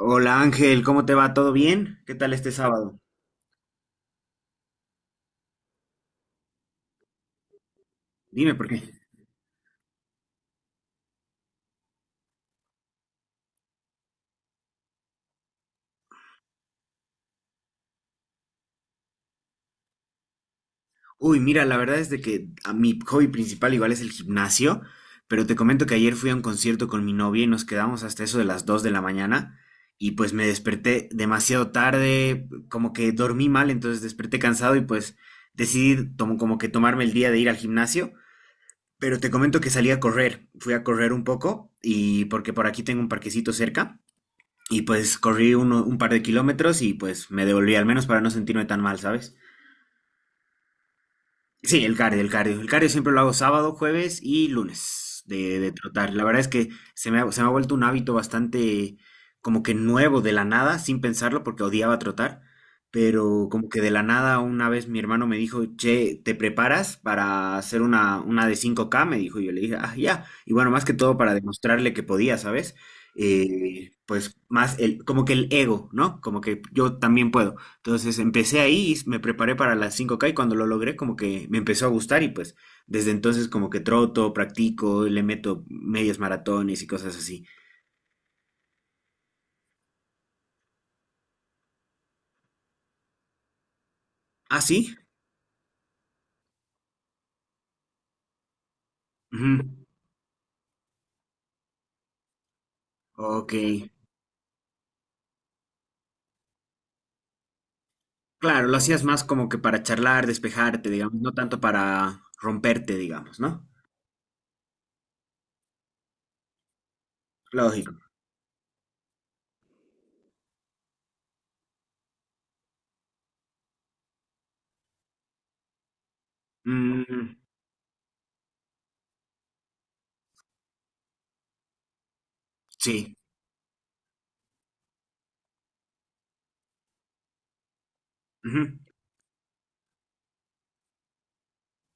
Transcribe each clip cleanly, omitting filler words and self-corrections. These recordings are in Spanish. Hola Ángel, ¿cómo te va? ¿Todo bien? ¿Qué tal este sábado? Dime por qué. Uy, mira, la verdad es de que a mi hobby principal igual es el gimnasio, pero te comento que ayer fui a un concierto con mi novia y nos quedamos hasta eso de las 2 de la mañana y pues me desperté demasiado tarde, como que dormí mal, entonces desperté cansado y pues decidí como que tomarme el día de ir al gimnasio, pero te comento que salí a correr, fui a correr un poco y porque por aquí tengo un parquecito cerca. Y pues corrí un par de kilómetros y pues me devolví al menos para no sentirme tan mal, ¿sabes? Sí, el cardio, el cardio. El cardio siempre lo hago sábado, jueves y lunes de trotar. La verdad es que se me ha vuelto un hábito bastante como que nuevo de la nada, sin pensarlo, porque odiaba trotar, pero como que de la nada una vez mi hermano me dijo, che, ¿te preparas para hacer una de 5K? Me dijo, y yo le dije, ah, ya. Y bueno, más que todo para demostrarle que podía, ¿sabes? Pues más el, como que el ego, ¿no? Como que yo también puedo. Entonces empecé ahí, y me preparé para las 5K y cuando lo logré como que me empezó a gustar y pues desde entonces como que troto, practico, le meto medias maratones y cosas así. ¿Ah, sí? Ujú. Ok. Claro, lo hacías más como que para charlar, despejarte, digamos, no tanto para romperte, digamos, ¿no? Lógico. Mm, sí. Ujú.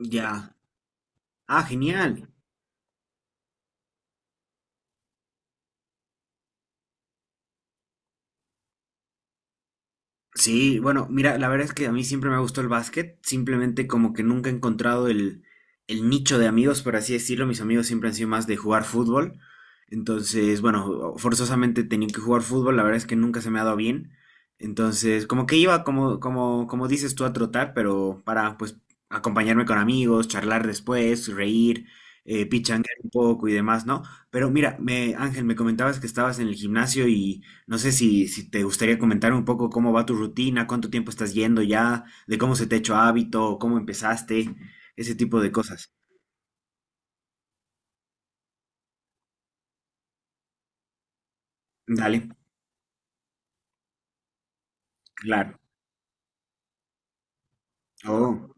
Ya. Ah, genial. Sí, bueno, mira, la verdad es que a mí siempre me ha gustado el básquet, simplemente como que nunca he encontrado el nicho de amigos, por así decirlo, mis amigos siempre han sido más de jugar fútbol, entonces, bueno, forzosamente tenía que jugar fútbol, la verdad es que nunca se me ha dado bien, entonces, como que iba, como dices tú, a trotar, pero para, pues, acompañarme con amigos, charlar después, reír, pichanguear un poco y demás, ¿no? Pero mira, Ángel, me comentabas que estabas en el gimnasio, no sé si te gustaría comentar un poco cómo va tu rutina, cuánto tiempo estás yendo ya, de cómo se te ha hecho hábito, cómo empezaste, ese tipo de cosas. Dale, claro. Oh,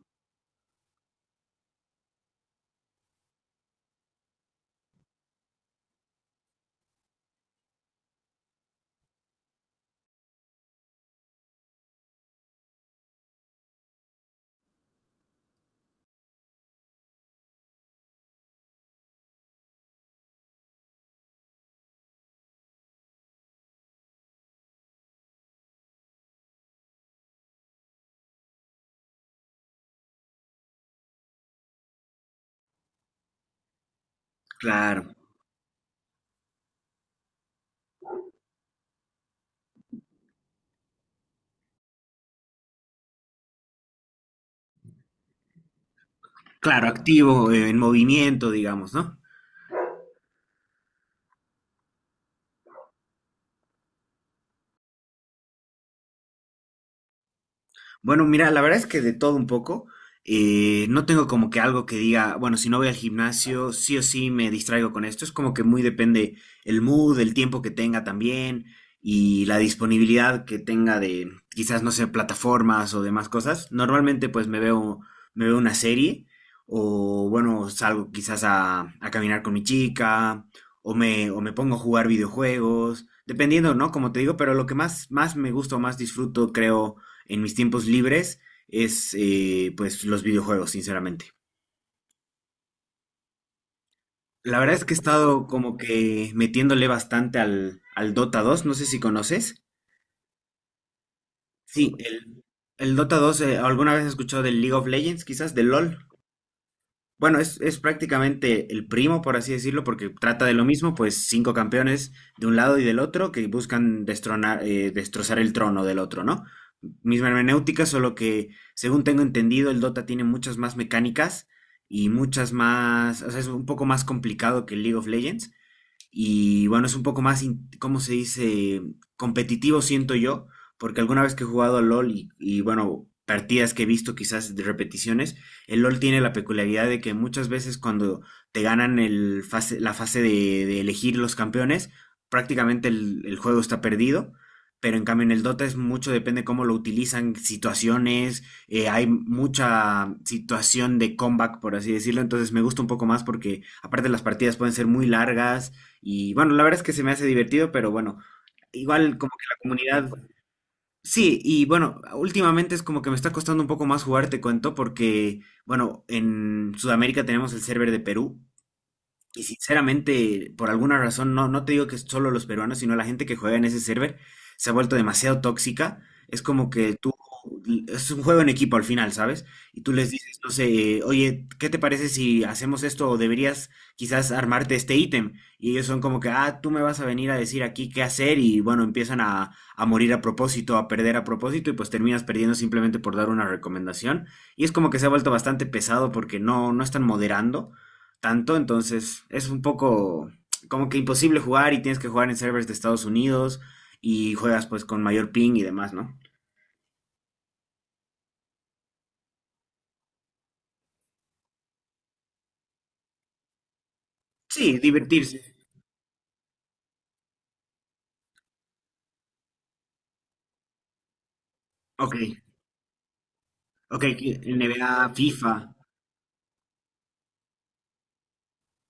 claro. Claro, activo, en movimiento, digamos, ¿no? Bueno, mira, la verdad es que de todo un poco. No tengo como que algo que diga, bueno, si no voy al gimnasio, sí o sí me distraigo con esto. Es como que muy depende el mood, el tiempo que tenga también y la disponibilidad que tenga de quizás, no sé, plataformas o demás cosas. Normalmente pues me veo una serie o bueno, salgo quizás a caminar con mi chica o me pongo a jugar videojuegos, dependiendo, ¿no? Como te digo, pero lo que más, más me gusta o más disfruto, creo, en mis tiempos libres es, pues, los videojuegos, sinceramente. La verdad es que he estado como que metiéndole bastante al Dota 2, no sé si conoces. Sí, el Dota 2, ¿alguna vez has escuchado del League of Legends, quizás, del LOL? Bueno, es prácticamente el primo, por así decirlo, porque trata de lo mismo, pues cinco campeones de un lado y del otro que buscan destronar, destrozar el trono del otro, ¿no? Misma hermenéutica, solo que, según tengo entendido, el Dota tiene muchas más mecánicas y muchas más, o sea, es un poco más complicado que el League of Legends, y bueno, es un poco más, ¿cómo se dice? Competitivo, siento yo, porque alguna vez que he jugado a LOL bueno, partidas que he visto quizás de repeticiones, el LOL tiene la peculiaridad de que muchas veces cuando te ganan el fase, la fase de elegir los campeones, prácticamente el juego está perdido. Pero en cambio en el Dota es mucho, depende cómo lo utilizan, situaciones, hay mucha situación de comeback, por así decirlo, entonces me gusta un poco más porque aparte las partidas pueden ser muy largas, y bueno, la verdad es que se me hace divertido, pero bueno, igual como que la comunidad, sí, y bueno, últimamente es como que me está costando un poco más jugar, te cuento, porque bueno, en Sudamérica tenemos el server de Perú y sinceramente, por alguna razón, no te digo que es solo los peruanos, sino la gente que juega en ese server se ha vuelto demasiado tóxica. Es como que tú, es un juego en equipo al final, ¿sabes? Y tú les dices, no sé, oye, ¿qué te parece si hacemos esto o deberías quizás armarte este ítem? Y ellos son como que, ah, tú me vas a venir a decir aquí qué hacer, y bueno, empiezan a morir a propósito, a perder a propósito y pues terminas perdiendo simplemente por dar una recomendación. Y es como que se ha vuelto bastante pesado porque no están moderando tanto, entonces es un poco como que imposible jugar y tienes que jugar en servers de Estados Unidos y juegas pues con mayor ping y demás, ¿no? Sí, divertirse. Ok, ok, el NBA, FIFA,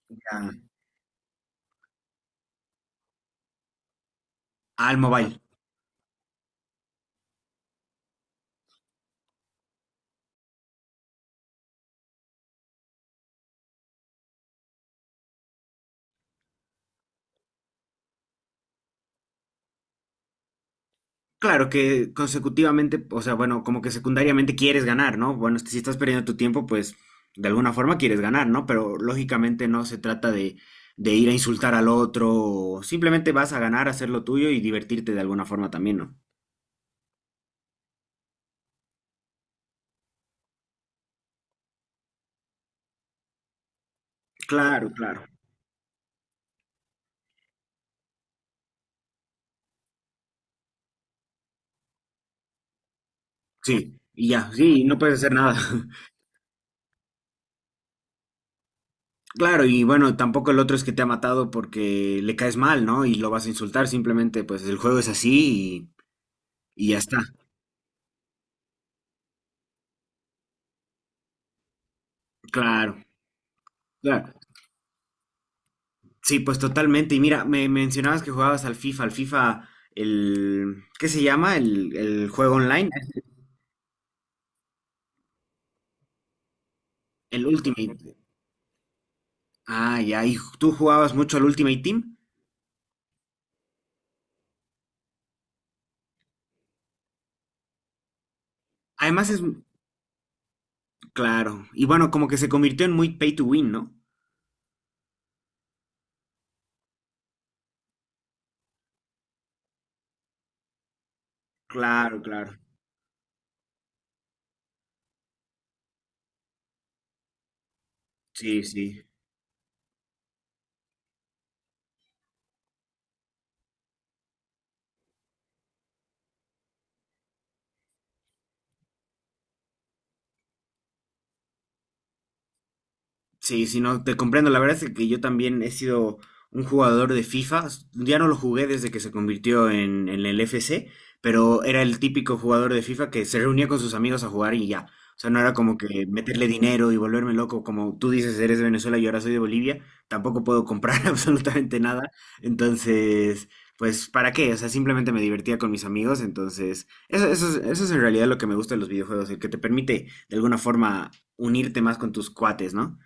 ya, al mobile. Claro que consecutivamente, o sea, bueno, como que secundariamente quieres ganar, ¿no? Bueno, si estás perdiendo tu tiempo, pues de alguna forma quieres ganar, ¿no? Pero lógicamente no se trata de ir a insultar al otro, o simplemente vas a ganar, hacer lo tuyo y divertirte de alguna forma también, ¿no? Claro, claro. Sí, y ya, sí, no puedes hacer nada. Claro, y bueno, tampoco el otro es que te ha matado porque le caes mal, ¿no? Y lo vas a insultar, simplemente pues el juego es así y ya está. Claro, claro. Sí, pues totalmente. Y mira, me mencionabas que jugabas al FIFA, el, ¿qué se llama? El juego online, el Ultimate. Ah, ya, y tú jugabas mucho al Ultimate Team. Además es, claro, y bueno, como que se convirtió en muy pay to win, ¿no? Claro, claro. Sí, sí. Sí, si no, te comprendo. La verdad es que yo también he sido un jugador de FIFA. Ya no lo jugué desde que se convirtió en el FC, pero era el típico jugador de FIFA que se reunía con sus amigos a jugar y ya. O sea, no era como que meterle dinero y volverme loco. Como tú dices, eres de Venezuela y ahora soy de Bolivia. Tampoco puedo comprar absolutamente nada. Entonces, pues, ¿para qué? O sea, simplemente me divertía con mis amigos. Entonces, eso es en realidad lo que me gusta de los videojuegos, el que te permite de alguna forma unirte más con tus cuates, ¿no?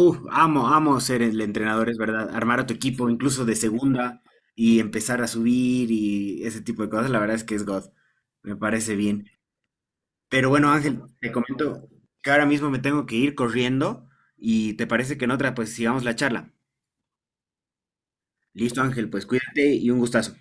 Uf, amo, amo ser el entrenador, es verdad. Armar a tu equipo, incluso de segunda, y empezar a subir y ese tipo de cosas, la verdad es que es God. Me parece bien. Pero bueno, Ángel, te comento que ahora mismo me tengo que ir corriendo y te parece que en otra, pues sigamos la charla. Listo, Ángel, pues cuídate y un gustazo.